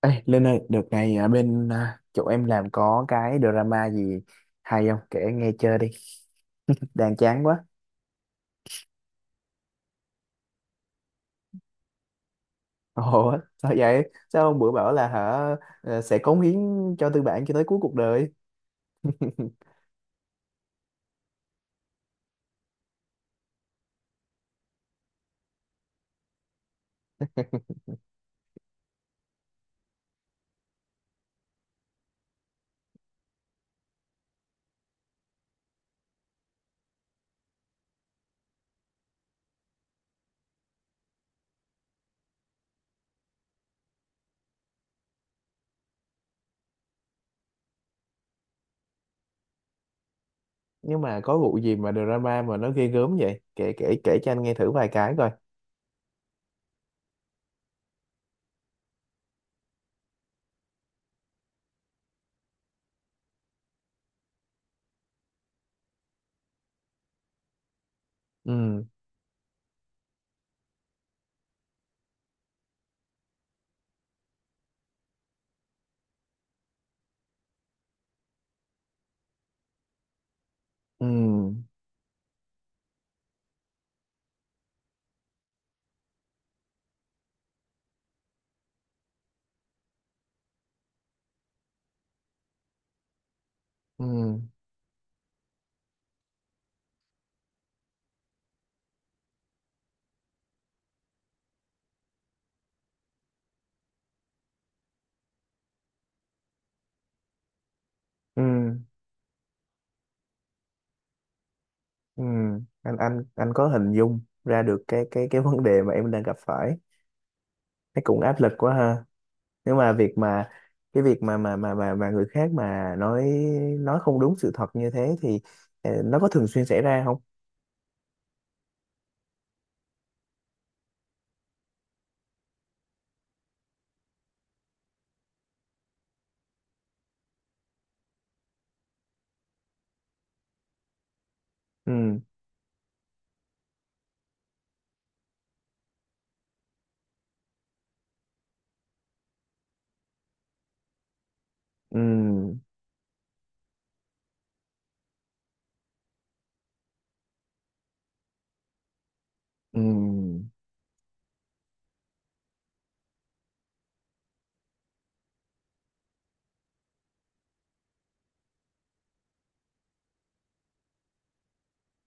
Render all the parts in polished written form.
Ê, Linh ơi, đợt này ở chỗ em làm có cái drama gì hay không? Kể nghe chơi đi, đang chán quá. Ồ, sao vậy? Sao hôm bữa bảo là sẽ cống hiến cho tư bản cho tới cuối cuộc đời. Nhưng mà có vụ gì mà drama mà nó ghê gớm vậy? Kể kể kể cho anh nghe thử vài cái coi. Ừ, ừ, ừ, ừ, ừ. Anh có hình dung ra được cái vấn đề mà em đang gặp phải. Thấy cũng áp lực quá ha. Nếu mà việc mà cái việc mà người khác mà nói không đúng sự thật như thế thì nó có thường xuyên xảy ra không? Ừ, ừ, ừ,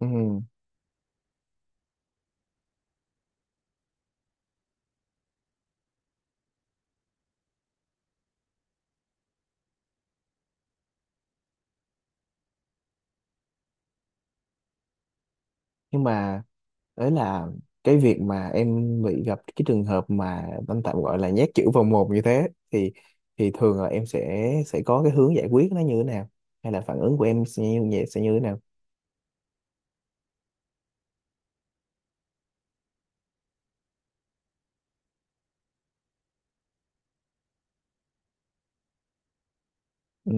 ừ. Nhưng mà đấy là cái việc mà em bị gặp cái trường hợp mà anh tạm gọi là nhét chữ vào mồm như thế thì thường là em sẽ có cái hướng giải quyết nó như thế nào hay là phản ứng của em sẽ như thế nào ừ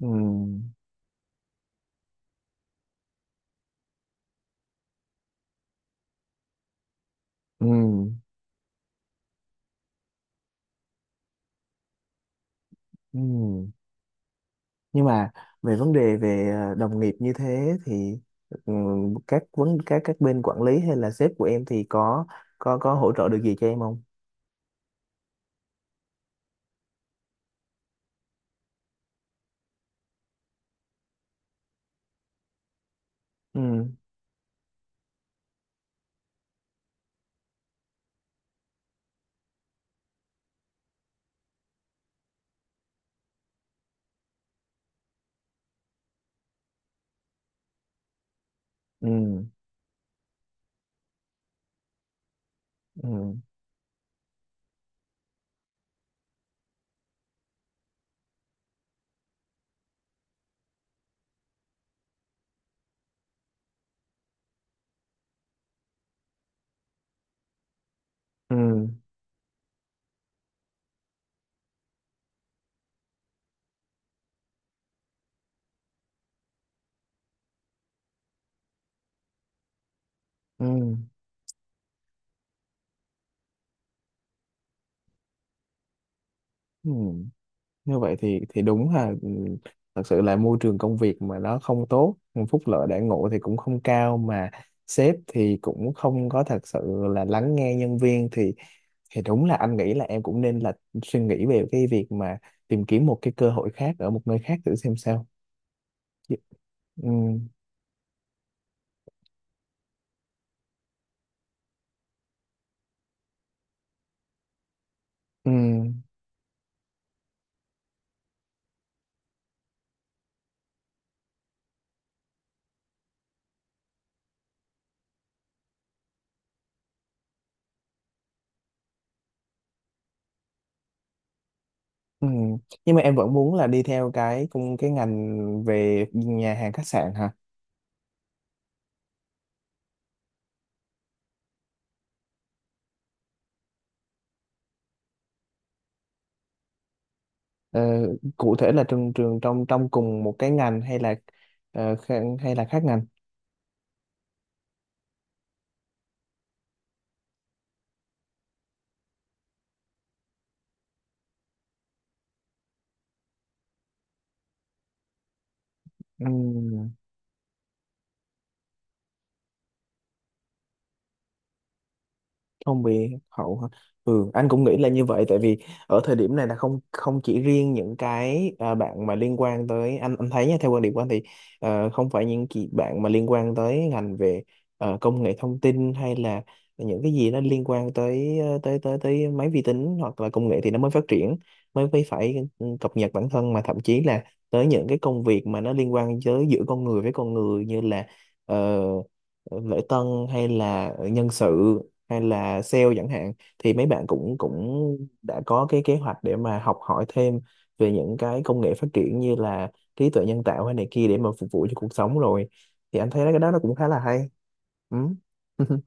ừ ừ ừ nhưng mà về vấn đề về đồng nghiệp như thế thì ừ, các vấn các bên quản lý hay là sếp của em thì có hỗ trợ được gì cho em không? Ừ, ừ, ừ, ừ, ừ, ừ. Như vậy thì đúng là thật sự là môi trường công việc mà nó không tốt, phúc lợi đãi ngộ thì cũng không cao, mà sếp thì cũng không có thật sự là lắng nghe nhân viên, thì đúng là anh nghĩ là em cũng nên là suy nghĩ về cái việc mà tìm kiếm một cái cơ hội khác ở một nơi khác thử xem sao. Chứ- ừ, ừ, ừ. Nhưng mà em vẫn muốn là đi theo cùng cái ngành về nhà hàng khách sạn hả? Ờ, cụ thể là trường trường trong trong cùng một cái ngành hay là hay là khác ngành? Ừ. Không bị hậu hả? Ừ, anh cũng nghĩ là như vậy, tại vì ở thời điểm này là không không chỉ riêng những cái bạn mà liên quan tới anh thấy nha, theo quan điểm của anh thì không phải những chị bạn mà liên quan tới ngành về công nghệ thông tin hay là những cái gì nó liên quan tới tới máy vi tính hoặc là công nghệ thì nó mới phát triển, mới mới phải cập nhật bản thân, mà thậm chí là tới những cái công việc mà nó liên quan tới giữa con người với con người như là ờ, lễ tân hay là nhân sự hay là sale chẳng hạn, thì mấy bạn cũng cũng đã có cái kế hoạch để mà học hỏi thêm về những cái công nghệ phát triển như là trí tuệ nhân tạo hay này kia để mà phục vụ cho cuộc sống rồi, thì anh thấy cái đó nó cũng khá là hay. Ừ.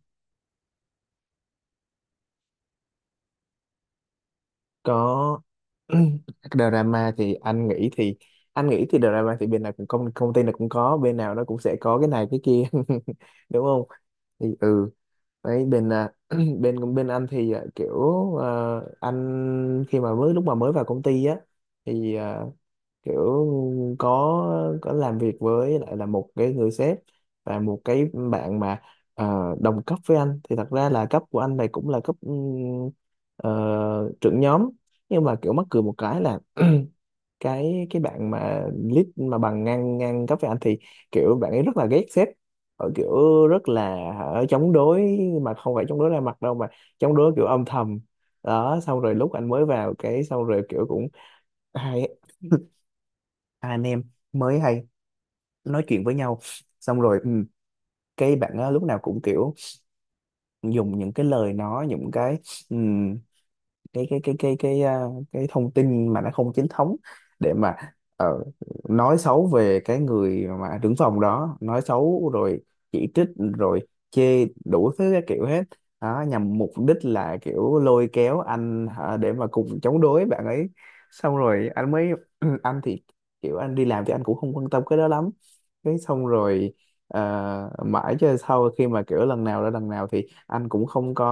Có. Drama thì anh nghĩ thì drama thì bên nào cũng công công ty nào cũng có, bên nào nó cũng sẽ có cái này cái kia đúng không? Thì ừ, đấy bên bên bên anh thì kiểu à, anh khi mà mới lúc mà mới vào công ty á thì kiểu có có làm việc với lại là một cái người sếp và một cái bạn mà đồng cấp với anh, thì thật ra là cấp của anh này cũng là cấp trưởng nhóm, nhưng mà kiểu mắc cười một cái là cái bạn mà lead mà bằng ngang ngang cấp với anh thì kiểu bạn ấy rất là ghét sếp, ở kiểu rất là ở chống đối, mà không phải chống đối ra mặt đâu mà chống đối kiểu âm thầm đó, xong rồi lúc anh mới vào cái xong rồi kiểu cũng hai hai anh em mới hay nói chuyện với nhau, xong rồi cái bạn á, lúc nào cũng kiểu dùng những cái lời nói những cái cái cái cái cái à, cái thông tin mà nó không chính thống để mà ờ, nói xấu về cái người mà đứng phòng đó, nói xấu rồi chỉ trích rồi chê đủ thứ các kiểu hết đó, nhằm mục đích là kiểu lôi kéo anh hả, để mà cùng chống đối bạn ấy, xong rồi anh mới anh thì kiểu anh đi làm thì anh cũng không quan tâm cái đó lắm, cái xong rồi mãi cho sau khi mà kiểu lần nào đó lần nào thì anh cũng không có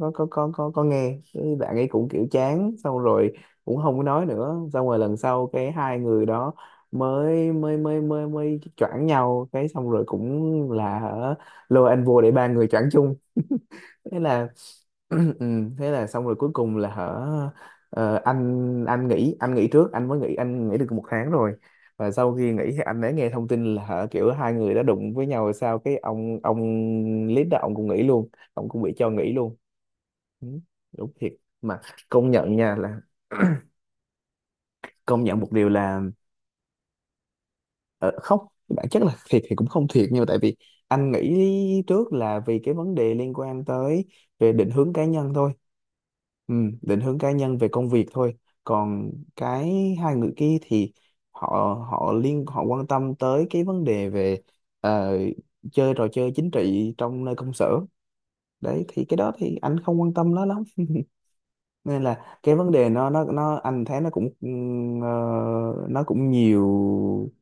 có có có có, có nghe cái bạn ấy cũng kiểu chán, xong rồi cũng không có nói nữa, xong rồi lần sau cái hai người đó mới mới mới mới mới choảng nhau, cái xong rồi cũng là hả, lôi anh vô để ba người choảng chung, thế là ừ, thế là xong rồi cuối cùng là hở anh nghỉ, anh nghỉ trước, anh mới nghỉ, anh nghỉ được một tháng rồi, và sau khi nghỉ thì anh đã nghe thông tin là hở kiểu hai người đã đụng với nhau rồi sao, cái ông lead đó ông cũng nghỉ luôn, ông cũng bị cho nghỉ luôn. Ừ, đúng thiệt mà, công nhận nha là công nhận một điều là ờ, không, bản chất là thiệt thì cũng không thiệt nhưng mà tại vì anh nghĩ trước là vì cái vấn đề liên quan tới về định hướng cá nhân thôi. Ừ, định hướng cá nhân về công việc thôi. Còn cái hai người kia thì họ họ liên họ quan tâm tới cái vấn đề về ờ, chơi trò chơi chính trị trong nơi công sở, đấy thì cái đó thì anh không quan tâm nó lắm, nên là cái vấn đề nó anh thấy nó cũng nó cũng nhiều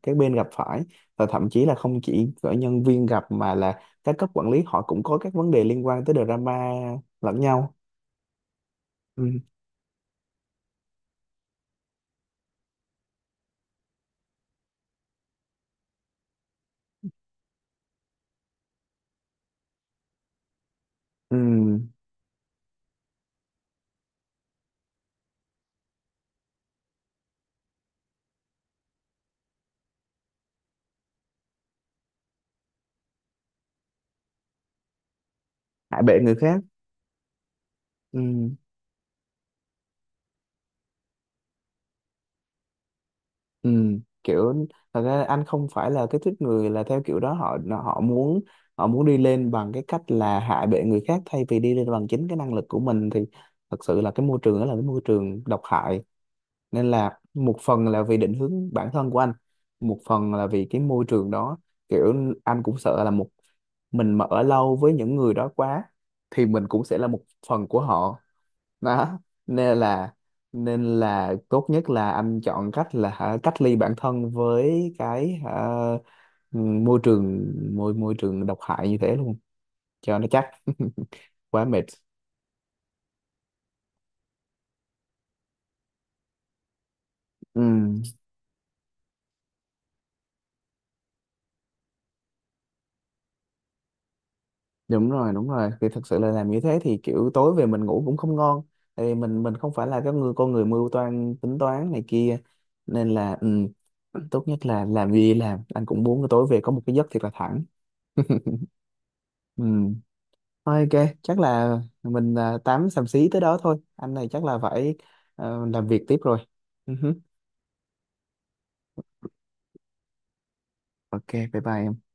cái bên gặp phải, và thậm chí là không chỉ cỡ nhân viên gặp mà là các cấp quản lý họ cũng có các vấn đề liên quan tới drama lẫn nhau. Ừ. Ừ. Hại bệ người khác. Ừ, ừ, kiểu thật ra anh không phải là cái tuýp người là theo kiểu đó, họ họ muốn đi lên bằng cái cách là hạ bệ người khác thay vì đi lên bằng chính cái năng lực của mình, thì thật sự là cái môi trường đó là cái môi trường độc hại, nên là một phần là vì định hướng bản thân của anh, một phần là vì cái môi trường đó, kiểu anh cũng sợ là một mình mà ở lâu với những người đó quá thì mình cũng sẽ là một phần của họ đó, nên là tốt nhất là anh chọn cách là hả, cách ly bản thân với cái hả, môi trường môi môi trường độc hại như thế luôn cho nó chắc. Quá mệt. Ừ, đúng rồi, đúng rồi, thì thật sự là làm như thế thì kiểu tối về mình ngủ cũng không ngon, tại vì mình không phải là cái người con người mưu toan tính toán này kia, nên là ừ, tốt nhất là làm gì làm anh cũng muốn tối về có một cái giấc thiệt là thẳng. Ừ. Thôi ok, chắc là mình tám xàm xí tới đó thôi. Anh này chắc là phải làm việc tiếp rồi. Ừ hứ. Ok, bye bye em.